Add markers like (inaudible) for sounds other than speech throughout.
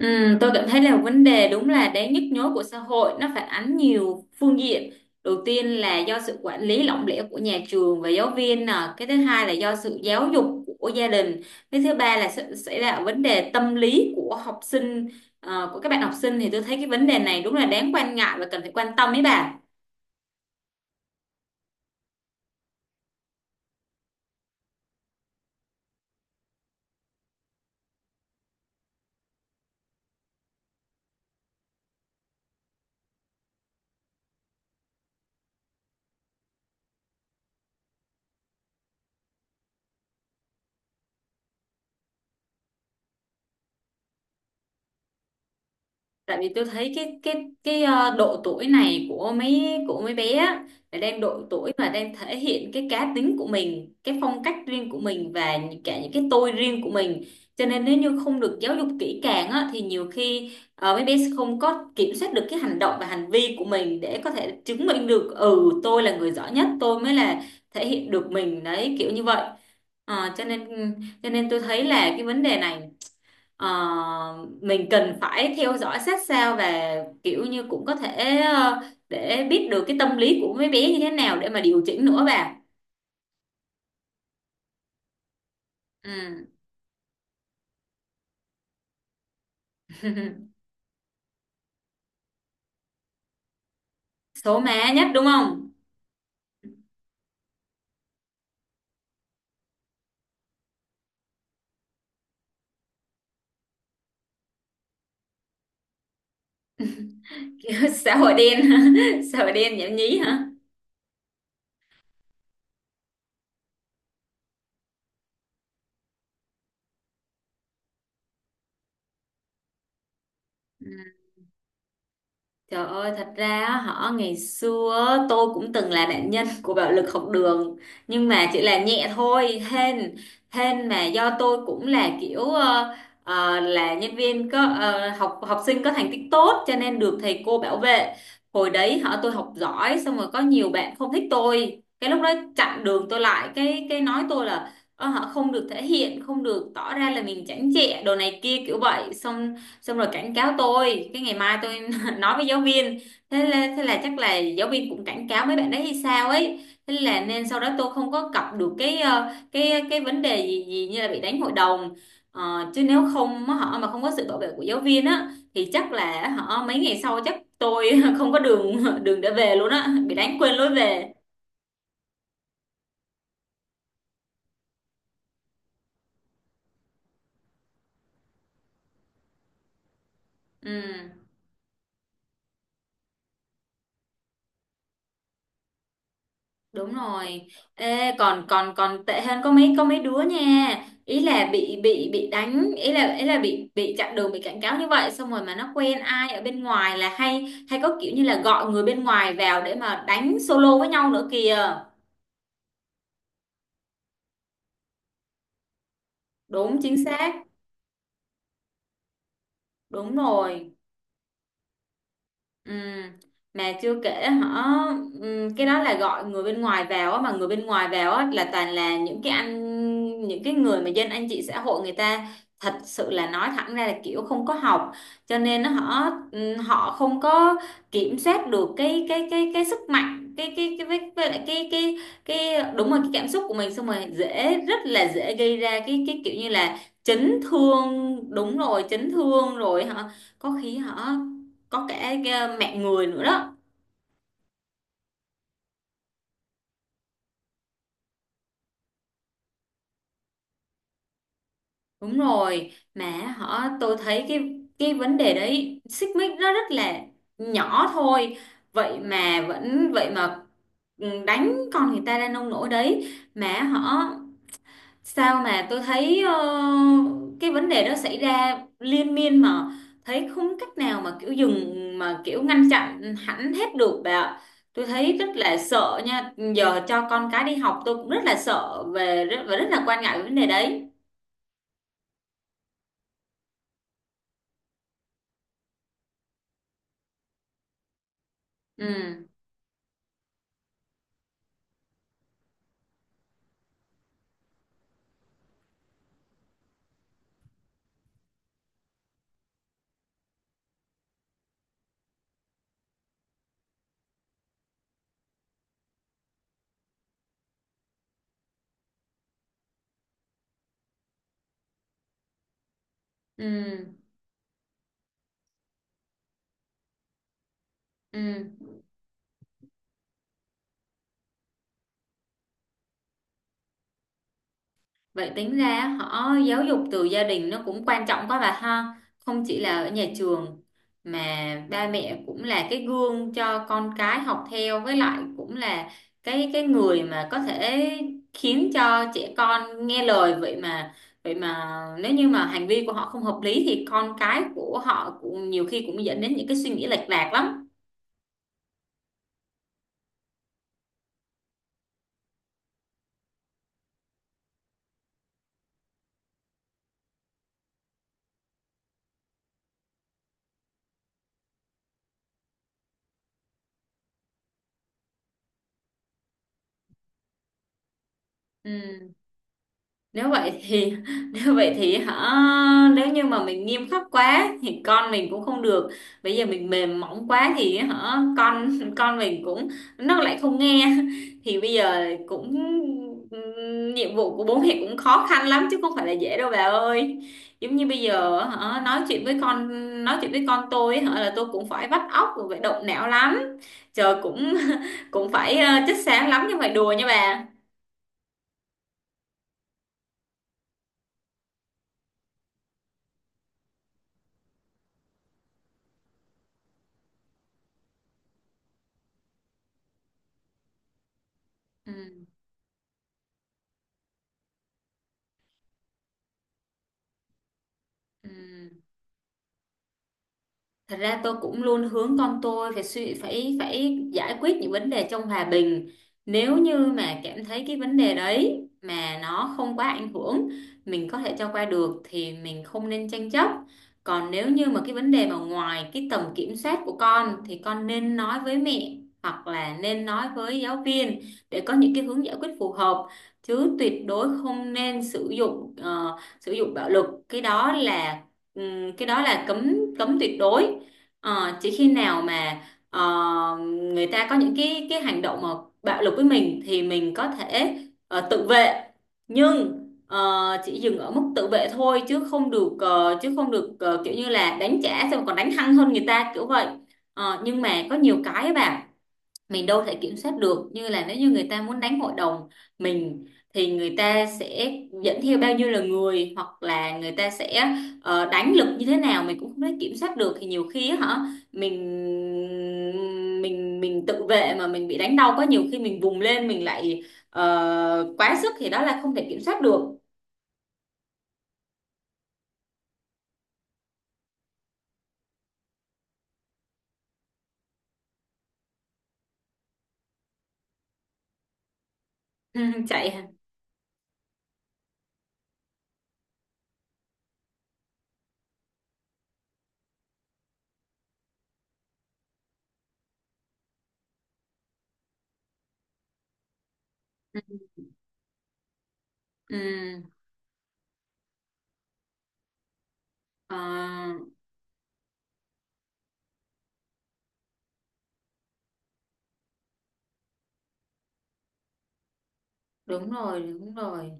Ừ, tôi cảm thấy là vấn đề đúng là đáng nhức nhối của xã hội. Nó phản ánh nhiều phương diện. Đầu tiên là do sự quản lý lỏng lẻo của nhà trường và giáo viên nè, cái thứ hai là do sự giáo dục của gia đình, cái thứ ba là sự- sẽ là vấn đề tâm lý của học sinh, của các bạn học sinh. Thì tôi thấy cái vấn đề này đúng là đáng quan ngại và cần phải quan tâm ấy bà. Tại vì tôi thấy độ tuổi này của mấy bé á, là đang độ tuổi mà đang thể hiện cái cá tính của mình, cái phong cách riêng của mình, và cả những cái tôi riêng của mình. Cho nên nếu như không được giáo dục kỹ càng á, thì nhiều khi mấy bé sẽ không có kiểm soát được cái hành động và hành vi của mình, để có thể chứng minh được ừ tôi là người giỏi nhất, tôi mới là thể hiện được mình đấy, kiểu như vậy. Ờ, cho nên cho nên tôi thấy là cái vấn đề này, mình cần phải theo dõi sát sao, và kiểu như cũng có thể để biết được cái tâm lý của mấy bé như thế nào để mà điều chỉnh nữa bà. Ừ. (laughs) Số má nhất đúng không. (laughs) Kiểu xã hội đen. (laughs) Xã hội đen nhảm nhí hả. Ừ. Trời ơi, thật ra á, họ ngày xưa á, tôi cũng từng là nạn nhân của bạo lực học đường, nhưng mà chỉ là nhẹ thôi. Hên hên mà do tôi cũng là kiểu là nhân viên có học học sinh có thành tích tốt cho nên được thầy cô bảo vệ. Hồi đấy họ tôi học giỏi xong rồi có nhiều bạn không thích tôi, cái lúc đó chặn đường tôi lại, cái nói tôi là họ không được thể hiện, không được tỏ ra là mình chảnh chẹ đồ này kia kiểu vậy. Xong xong rồi cảnh cáo tôi, cái ngày mai tôi nói với giáo viên. Thế là chắc là giáo viên cũng cảnh cáo mấy bạn đấy hay sao ấy, thế là nên sau đó tôi không có cọc được cái cái vấn đề gì gì như là bị đánh hội đồng. Ờ, chứ nếu không á, họ mà không có sự bảo vệ của giáo viên á thì chắc là họ mấy ngày sau chắc tôi (laughs) không có đường đường để về luôn á, bị đánh quên lối về. Ừ. Đúng rồi. Ê, còn còn còn tệ hơn có mấy đứa nha. Ý là bị đánh, ý là bị chặn đường, bị cảnh cáo như vậy xong rồi mà nó quen ai ở bên ngoài là hay hay có kiểu như là gọi người bên ngoài vào để mà đánh solo với nhau nữa kìa. Đúng chính xác. Đúng rồi. Ừ. Mà chưa kể họ cái đó là gọi người bên ngoài vào á, mà người bên ngoài vào á, là toàn là những cái anh, những cái người mà dân anh chị xã hội, người ta thật sự là nói thẳng ra là kiểu không có học, cho nên họ họ không có kiểm soát được cái sức mạnh, với lại cái đúng rồi, cái cảm xúc của mình, xong rồi dễ, rất là dễ gây ra cái kiểu như là chấn thương, đúng rồi, chấn thương rồi. Họ có khi họ có cả mạng người nữa đó. Đúng rồi mà họ, tôi thấy cái vấn đề đấy, xích mích nó rất là nhỏ thôi, vậy mà đánh con người ta ra nông nỗi đấy, mà họ sao mà tôi thấy cái vấn đề đó xảy ra liên miên mà thấy không cách nào mà kiểu dừng mà kiểu ngăn chặn hẳn hết được bà ạ. Tôi thấy rất là sợ nha, giờ cho con cái đi học tôi cũng rất là sợ về và rất là quan ngại về vấn đề đấy. Ừ. Ừ. Ừ. Vậy tính ra họ giáo dục từ gia đình nó cũng quan trọng quá bà ha. Không chỉ là ở nhà trường mà ba mẹ cũng là cái gương cho con cái học theo, với lại cũng là cái người mà có thể khiến cho trẻ con nghe lời. Vậy mà nếu như mà hành vi của họ không hợp lý thì con cái của họ cũng nhiều khi cũng dẫn đến những cái suy nghĩ lệch lạc lắm. Ừ. nếu vậy thì (laughs) nếu vậy thì hả, nếu như mà mình nghiêm khắc quá thì con mình cũng không được, bây giờ mình mềm mỏng quá thì hả (laughs) con mình cũng nó lại không nghe (laughs) thì bây giờ cũng nhiệm vụ của bố mẹ cũng khó khăn lắm chứ không phải là dễ đâu bà ơi. Giống như bây giờ hả nói chuyện với con Nói chuyện với con tôi hả là tôi cũng phải vắt óc rồi phải động não lắm. Trời cũng (laughs) cũng phải chất xám lắm nhưng phải đùa nha bà. Ừ. Ừ. Thật ra tôi cũng luôn hướng con tôi phải suy phải phải giải quyết những vấn đề trong hòa bình. Nếu như mà cảm thấy cái vấn đề đấy mà nó không quá ảnh hưởng, mình có thể cho qua được thì mình không nên tranh chấp. Còn nếu như mà cái vấn đề mà ngoài cái tầm kiểm soát của con thì con nên nói với mẹ hoặc là nên nói với giáo viên để có những cái hướng giải quyết phù hợp, chứ tuyệt đối không nên sử dụng sử dụng bạo lực. Cái đó là cấm cấm tuyệt đối. Ờ, chỉ khi nào mà ờ, người ta có những cái hành động mà bạo lực với mình thì mình có thể tự vệ, nhưng chỉ dừng ở mức tự vệ thôi, chứ không được kiểu như là đánh trả xong còn đánh hăng hơn người ta kiểu vậy. Ờ, nhưng mà có nhiều cái ấy bà, mình đâu thể kiểm soát được. Như là nếu như người ta muốn đánh hội đồng mình thì người ta sẽ dẫn theo bao nhiêu là người, hoặc là người ta sẽ đánh lực như thế nào mình cũng không thể kiểm soát được, thì nhiều khi á hả mình mình tự vệ mà mình bị đánh đau quá, nhiều khi mình vùng lên mình lại quá sức, thì đó là không thể kiểm soát được. (laughs) Chạy hả? Ừ. Ờ. Đúng rồi. Đúng rồi.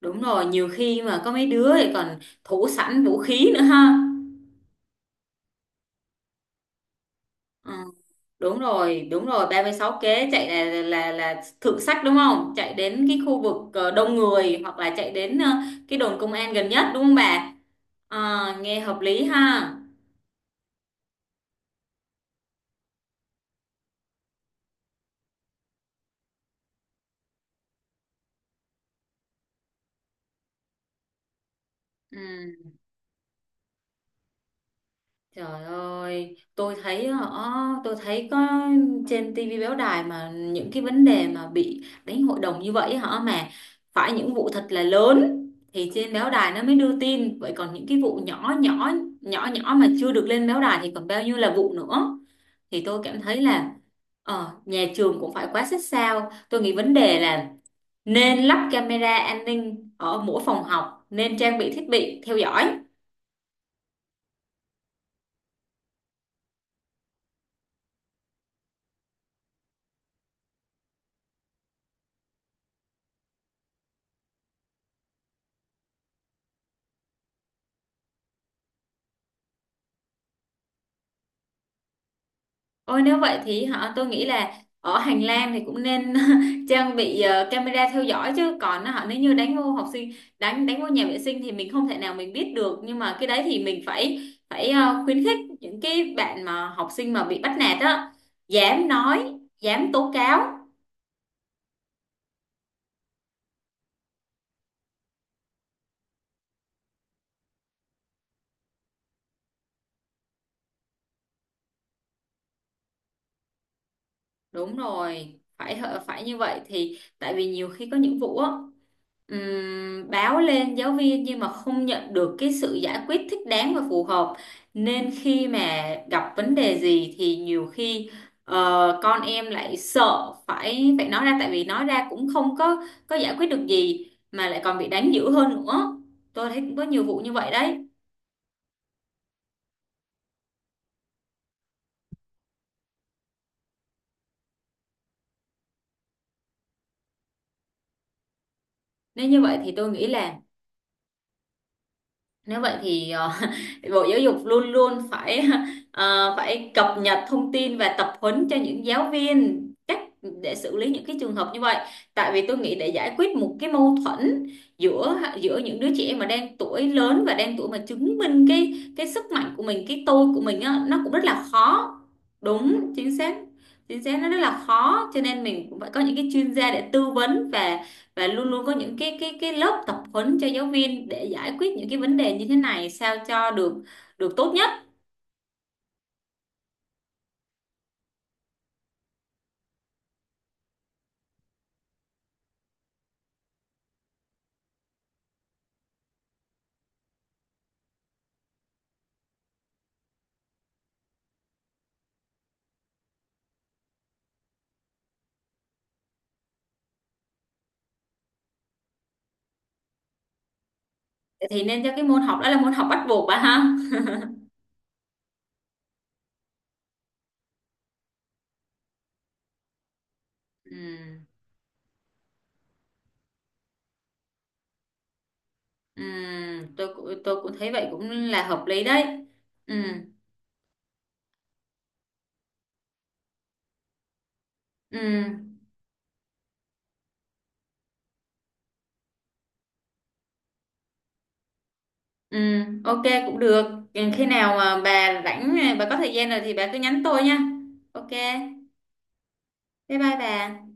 Đúng rồi, nhiều khi mà có mấy đứa thì còn thủ sẵn vũ khí nữa ha. Ờ, đúng rồi, đúng rồi, 36 kế chạy là thượng sách đúng không, chạy đến cái khu vực đông người, hoặc là chạy đến cái đồn công an gần nhất đúng không bà. Ờ, nghe hợp lý ha. Ừ. Trời ơi, tôi thấy có trên tivi báo đài mà những cái vấn đề mà bị đánh hội đồng như vậy, họ mà phải những vụ thật là lớn thì trên báo đài nó mới đưa tin, vậy còn những cái vụ nhỏ nhỏ, nhỏ nhỏ mà chưa được lên báo đài thì còn bao nhiêu là vụ nữa. Thì tôi cảm thấy là nhà trường cũng phải quá xích sao. Tôi nghĩ vấn đề là nên lắp camera an ninh ở mỗi phòng học, nên trang bị thiết bị theo dõi. Ôi nếu vậy thì họ, tôi nghĩ là ở hành lang thì cũng nên (laughs) trang bị camera theo dõi, chứ còn họ nếu như đánh vô học sinh, đánh đánh vô nhà vệ sinh thì mình không thể nào mình biết được, nhưng mà cái đấy thì mình phải phải khuyến khích những cái bạn mà học sinh mà bị bắt nạt á dám nói, dám tố cáo. Đúng rồi, phải phải như vậy. Thì tại vì nhiều khi có những vụ á, báo lên giáo viên nhưng mà không nhận được cái sự giải quyết thích đáng và phù hợp, nên khi mà gặp vấn đề gì thì nhiều khi con em lại sợ phải phải nói ra, tại vì nói ra cũng không có giải quyết được gì mà lại còn bị đánh dữ hơn nữa. Tôi thấy cũng có nhiều vụ như vậy đấy, nên như vậy thì tôi nghĩ là, nếu vậy thì (laughs) Bộ Giáo dục luôn luôn phải (laughs) phải cập nhật thông tin và tập huấn cho những giáo viên cách để xử lý những cái trường hợp như vậy. Tại vì tôi nghĩ để giải quyết một cái mâu thuẫn giữa giữa những đứa trẻ mà đang tuổi lớn và đang tuổi mà chứng minh cái sức mạnh của mình, cái tôi của mình á, nó cũng rất là khó. Đúng, chính xác. Chính xác, nó rất là khó, cho nên mình cũng phải có những cái chuyên gia để tư vấn, và luôn luôn có những cái lớp tập huấn cho giáo viên để giải quyết những cái vấn đề như thế này sao cho được, được tốt nhất. Thì nên cho cái môn học đó là môn học bắt buộc bà ha. ừ, ừ, tôi cũng thấy vậy cũng là hợp lý đấy. Ừ. Ừ. Ừ. Ok cũng được. Ừ, khi nào mà bà rảnh bà có thời gian rồi thì bà cứ nhắn tôi nha. Ok, bye bye bà.